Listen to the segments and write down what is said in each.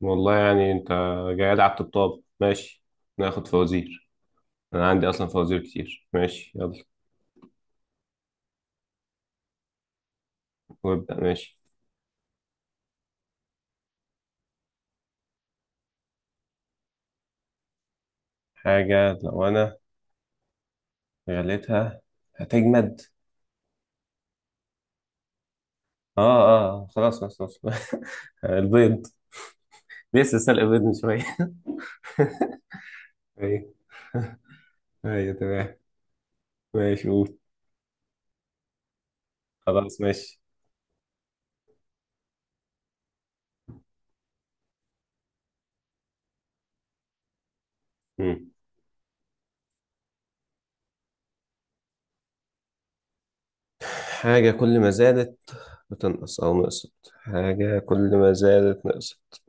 والله يعني انت جاي لي على الطبطاب ماشي. ناخد فوازير. انا عندي اصلا فوازير كتير، ماشي يلا. وابدأ ماشي. حاجة لو انا غليتها هتجمد؟ اه اه آه. خلاص خلاص خلاص. البيض. لسه سلق بيض من شوية. ايوه. ايوه تمام. ماشي قول. خلاص ماشي. مم. حاجة كل ما زادت بتنقص، أو نقصت؟ حاجة كل ما زادت نقصت؟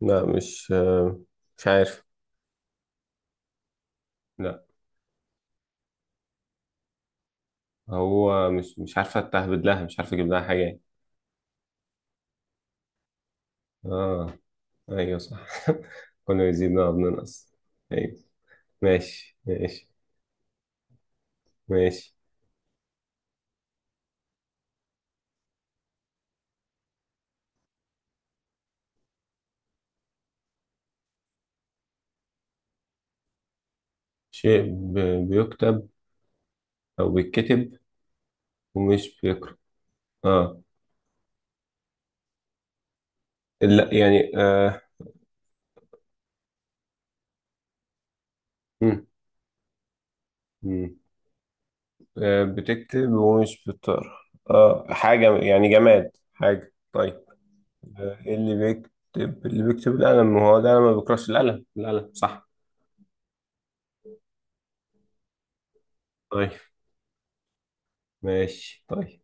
لا مش مش عارف. لا، هو مش عارفة تهبد لها، مش عارفة اجيب لها حاجة يعني. اه ايوه صح. كنا يزيدنا وبننقص. ايوه ماشي ماشي ماشي. شيء بيكتب او بيتكتب ومش بيقرأ. اه لا يعني. مم. مم. آه. بتكتب ومش بتقرأ. اه حاجة يعني جماد، حاجة طيب. آه. اللي بيكتب اللي بيكتب القلم، ما هو ده ما بيقرأش، القلم القلم صح. طيب ماشي طيب.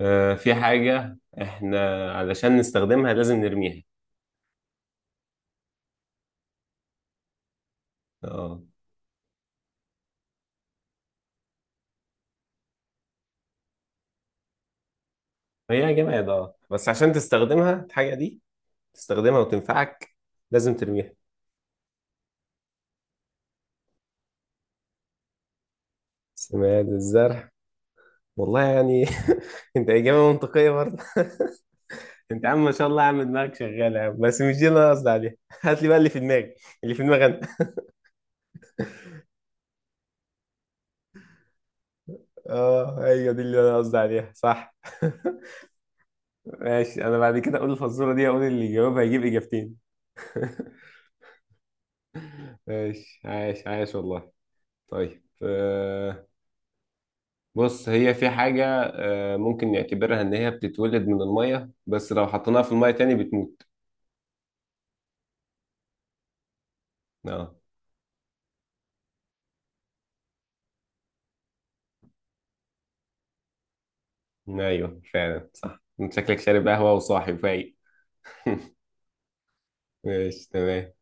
آه، في حاجة احنا علشان نستخدمها لازم نرميها. اه هي جماد، اه بس عشان تستخدمها الحاجة دي تستخدمها وتنفعك لازم ترميها. سماد الزرع. والله يعني. انت إجابة منطقية برضه. انت يا عم ما شاء الله يا عم، دماغك شغالة يا عم، بس مش دي اللي انا قصدي عليها. هات لي بقى اللي في دماغي. اللي في دماغي انا. اه ايوه دي اللي انا قصدي عليها صح. ماشي، انا بعد كده اقول الفزورة دي، اقول اللي يجاوبها هيجيب اجابتين. ماشي عايش عايش والله. طيب بص هي في حاجة. ممكن نعتبرها إن هي بتتولد من المية، بس لو حطيناها في المية تاني بتموت. اه أيوه فعلا صح، أنت شكلك شارب قهوة وصاحي فايق. ماشي تمام.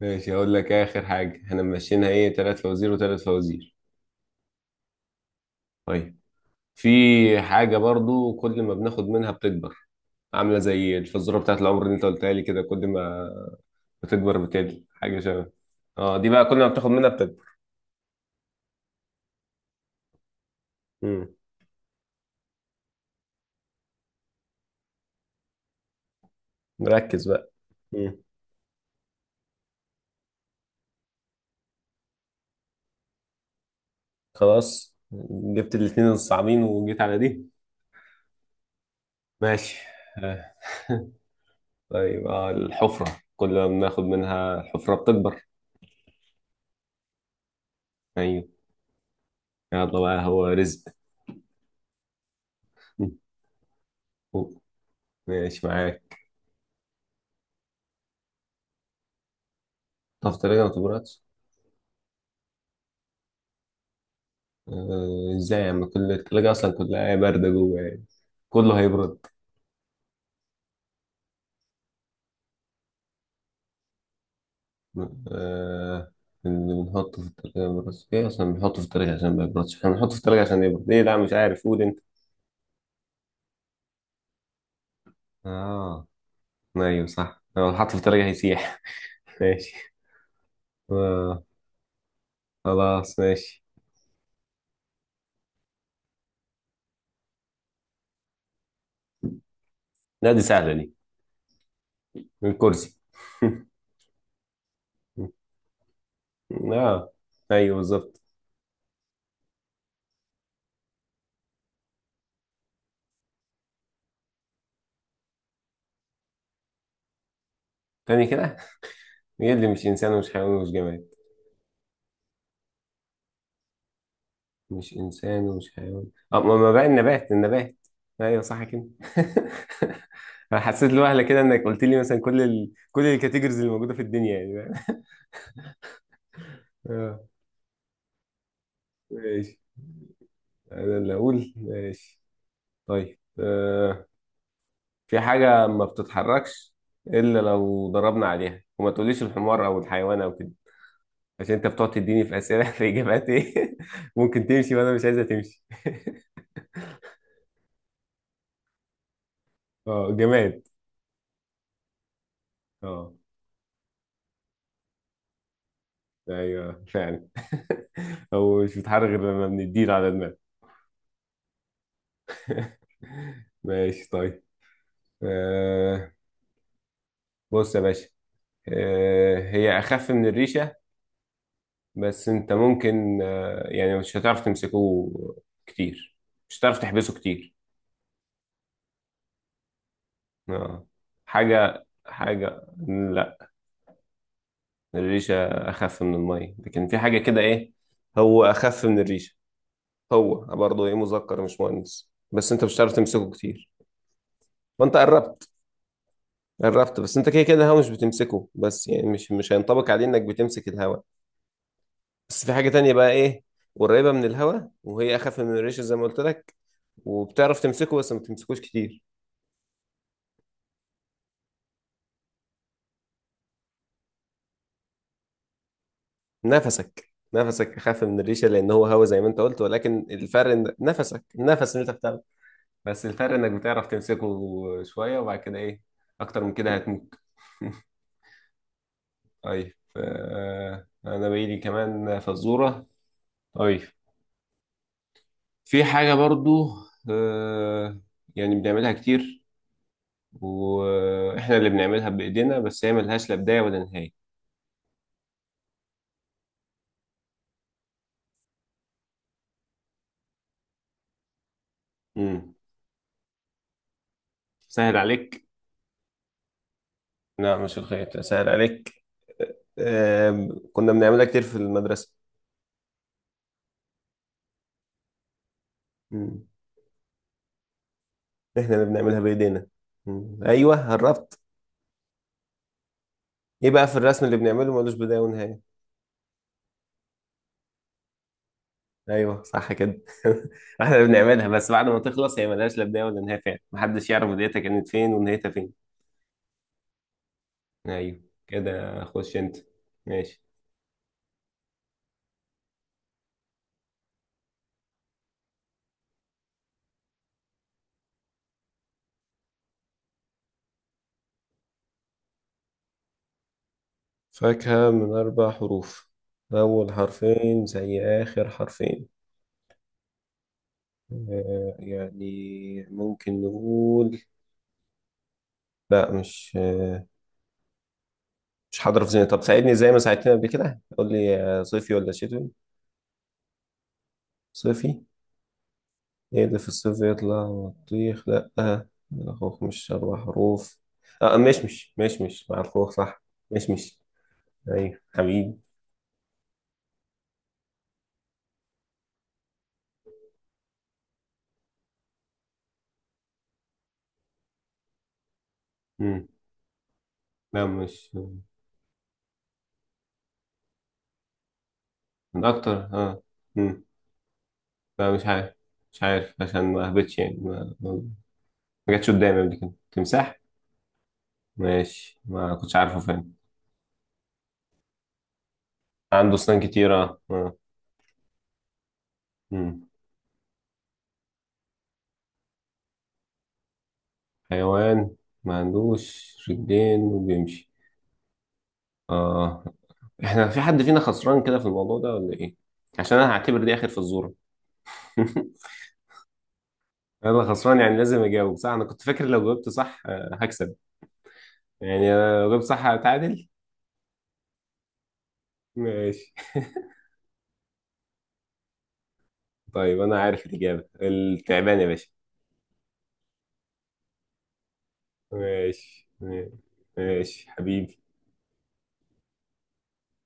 ماشي هقول لك آخر حاجة احنا ماشيينها إيه، تلات فوازير وتلات فوازير. طيب في حاجة برضو كل ما بناخد منها بتكبر. عاملة زي الفزورة بتاعت العمر اللي أنت قلتها لي كده، كل ما بتكبر بتقل، حاجة شبه. اه دي بقى كل ما بتاخد منها بتكبر. مم. مركز بقى. مم. خلاص، جبت الاتنين الصعبين وجيت على دي. ماشي. آه. طيب الحفرة، كل ما بناخد منها الحفرة بتكبر. أيوة. يلا بقى هو رزق. ماشي معاك. طب التلاجة ما تبردش؟ ازاي يعني؟ كل التلاجة أصلا كلها باردة جوه يعني، كله هيبرد. آه. اللي بنحطه في التلاجة ما بيبردش، ايه أصلا بنحطه في التلاجة عشان ما يبردش؟ احنا بنحطه في التلاجة عشان يبرد. ايه؟ لا مش عارف، قول أنت. اه أيوة صح، لو حطه في التلاجة هيسيح. ماشي. آه خلاص ماشي. لا دي سهلة دي، الكرسي. اه ايوه بالظبط. تاني كده؟ ايه اللي مش انسان ومش حيوان ومش جماد؟ مش انسان ومش حيوان، اه ما بقى النبات النبات. ايوه صح كده. انا حسيت لوهله كده انك قلت لي مثلا كل الكاتيجوريز اللي موجوده في الدنيا يعني. اه ماشي، انا اللي اقول ماشي. طيب آه. في حاجه ما بتتحركش الا لو ضربنا عليها، وما تقوليش الحمار او الحيوان او كده. عشان انت بتقعد تديني في اسئله في اجابات ايه ممكن تمشي وانا مش عايزه تمشي. اه جماد. اه ايوه فعلا. هو مش بيتحرك غير لما بنديله على دماغه. ماشي طيب. آه بص يا باشا. هي اخف من الريشه. بس انت ممكن يعني مش هتعرف تمسكه كتير. مش هتعرف تحبسه كتير. اه حاجه حاجه، لا، الريشه اخف من الميه، لكن في حاجه كده ايه. هو اخف من الريشه. هو برضه ايه، مذكر مش مؤنث. بس انت مش هتعرف تمسكه كتير وانت قربت قربت. بس انت كده كده الهوا مش بتمسكه، بس يعني مش هينطبق عليه انك بتمسك الهوا. بس في حاجة تانية بقى ايه، قريبة من الهوا، وهي اخف من الريشة زي ما قلت لك، وبتعرف تمسكه بس ما بتمسكوش كتير. نفسك نفسك اخف من الريشة لان هو هوا زي ما انت قلت، ولكن الفرق نفسك، النفس اللي انت بتاخده. بس الفرق انك بتعرف تمسكه شوية، وبعد كده ايه اكتر من كده هتموت. طيب انا بقيلي كمان فزورة. طيب، في حاجة برضو آه، يعني بنعملها كتير، واحنا اللي بنعملها بايدينا، بس هي ملهاش لا بداية ولا نهاية. امم سهل عليك. لا مش الخيط، سهل عليك. آه، كنا بنعملها كتير في المدرسة. مم. احنا اللي بنعملها بايدينا. مم. ايوه قربت. ايه بقى في الرسم اللي بنعمله ملوش بداية ونهاية؟ ايوه صح كده. احنا بنعملها، بس بعد ما تخلص هي ملهاش لا بدايه ولا نهايه، فعلا محدش يعرف بدايتها كانت فين ونهايتها فين. ايوه. كده خش انت. ماشي. فاكهة من أربع حروف، أول حرفين زي آخر حرفين. يعني ممكن نقول، لا مش مش حاضر في ذهني. طب ساعدني زي ما ساعدتني قبل كده، قول لي صيفي ولا شتوي؟ صيفي. ايه اللي في الصيف يطلع؟ بطيخ، لأ الخوخ مش أربع حروف. اه مشمش، مشمش مع الخوخ صح. مشمش. أيوة حبيبي. مم. لا مش من أكتر. اه مم. لا مش عارف. مش عارف عشان ما أهبطش يعني ما جاتش قدامي قبل كده تمساح. ماشي، ما كنتش عارفه فين. عنده أسنان كتيرة اه آه. مم. حيوان ما عندوش رجلين وبيمشي. اه. احنا في حد فينا خسران كده في الموضوع ده ولا ايه؟ عشان انا هعتبر دي اخر فزورة. انا خسران يعني لازم اجاوب صح؟ انا كنت فاكر لو جاوبت صح هكسب. يعني انا لو جاوبت صح هتعادل. ماشي. طيب انا عارف الاجابة، التعبان يا باشا. ماشي. ماشي حبيبي.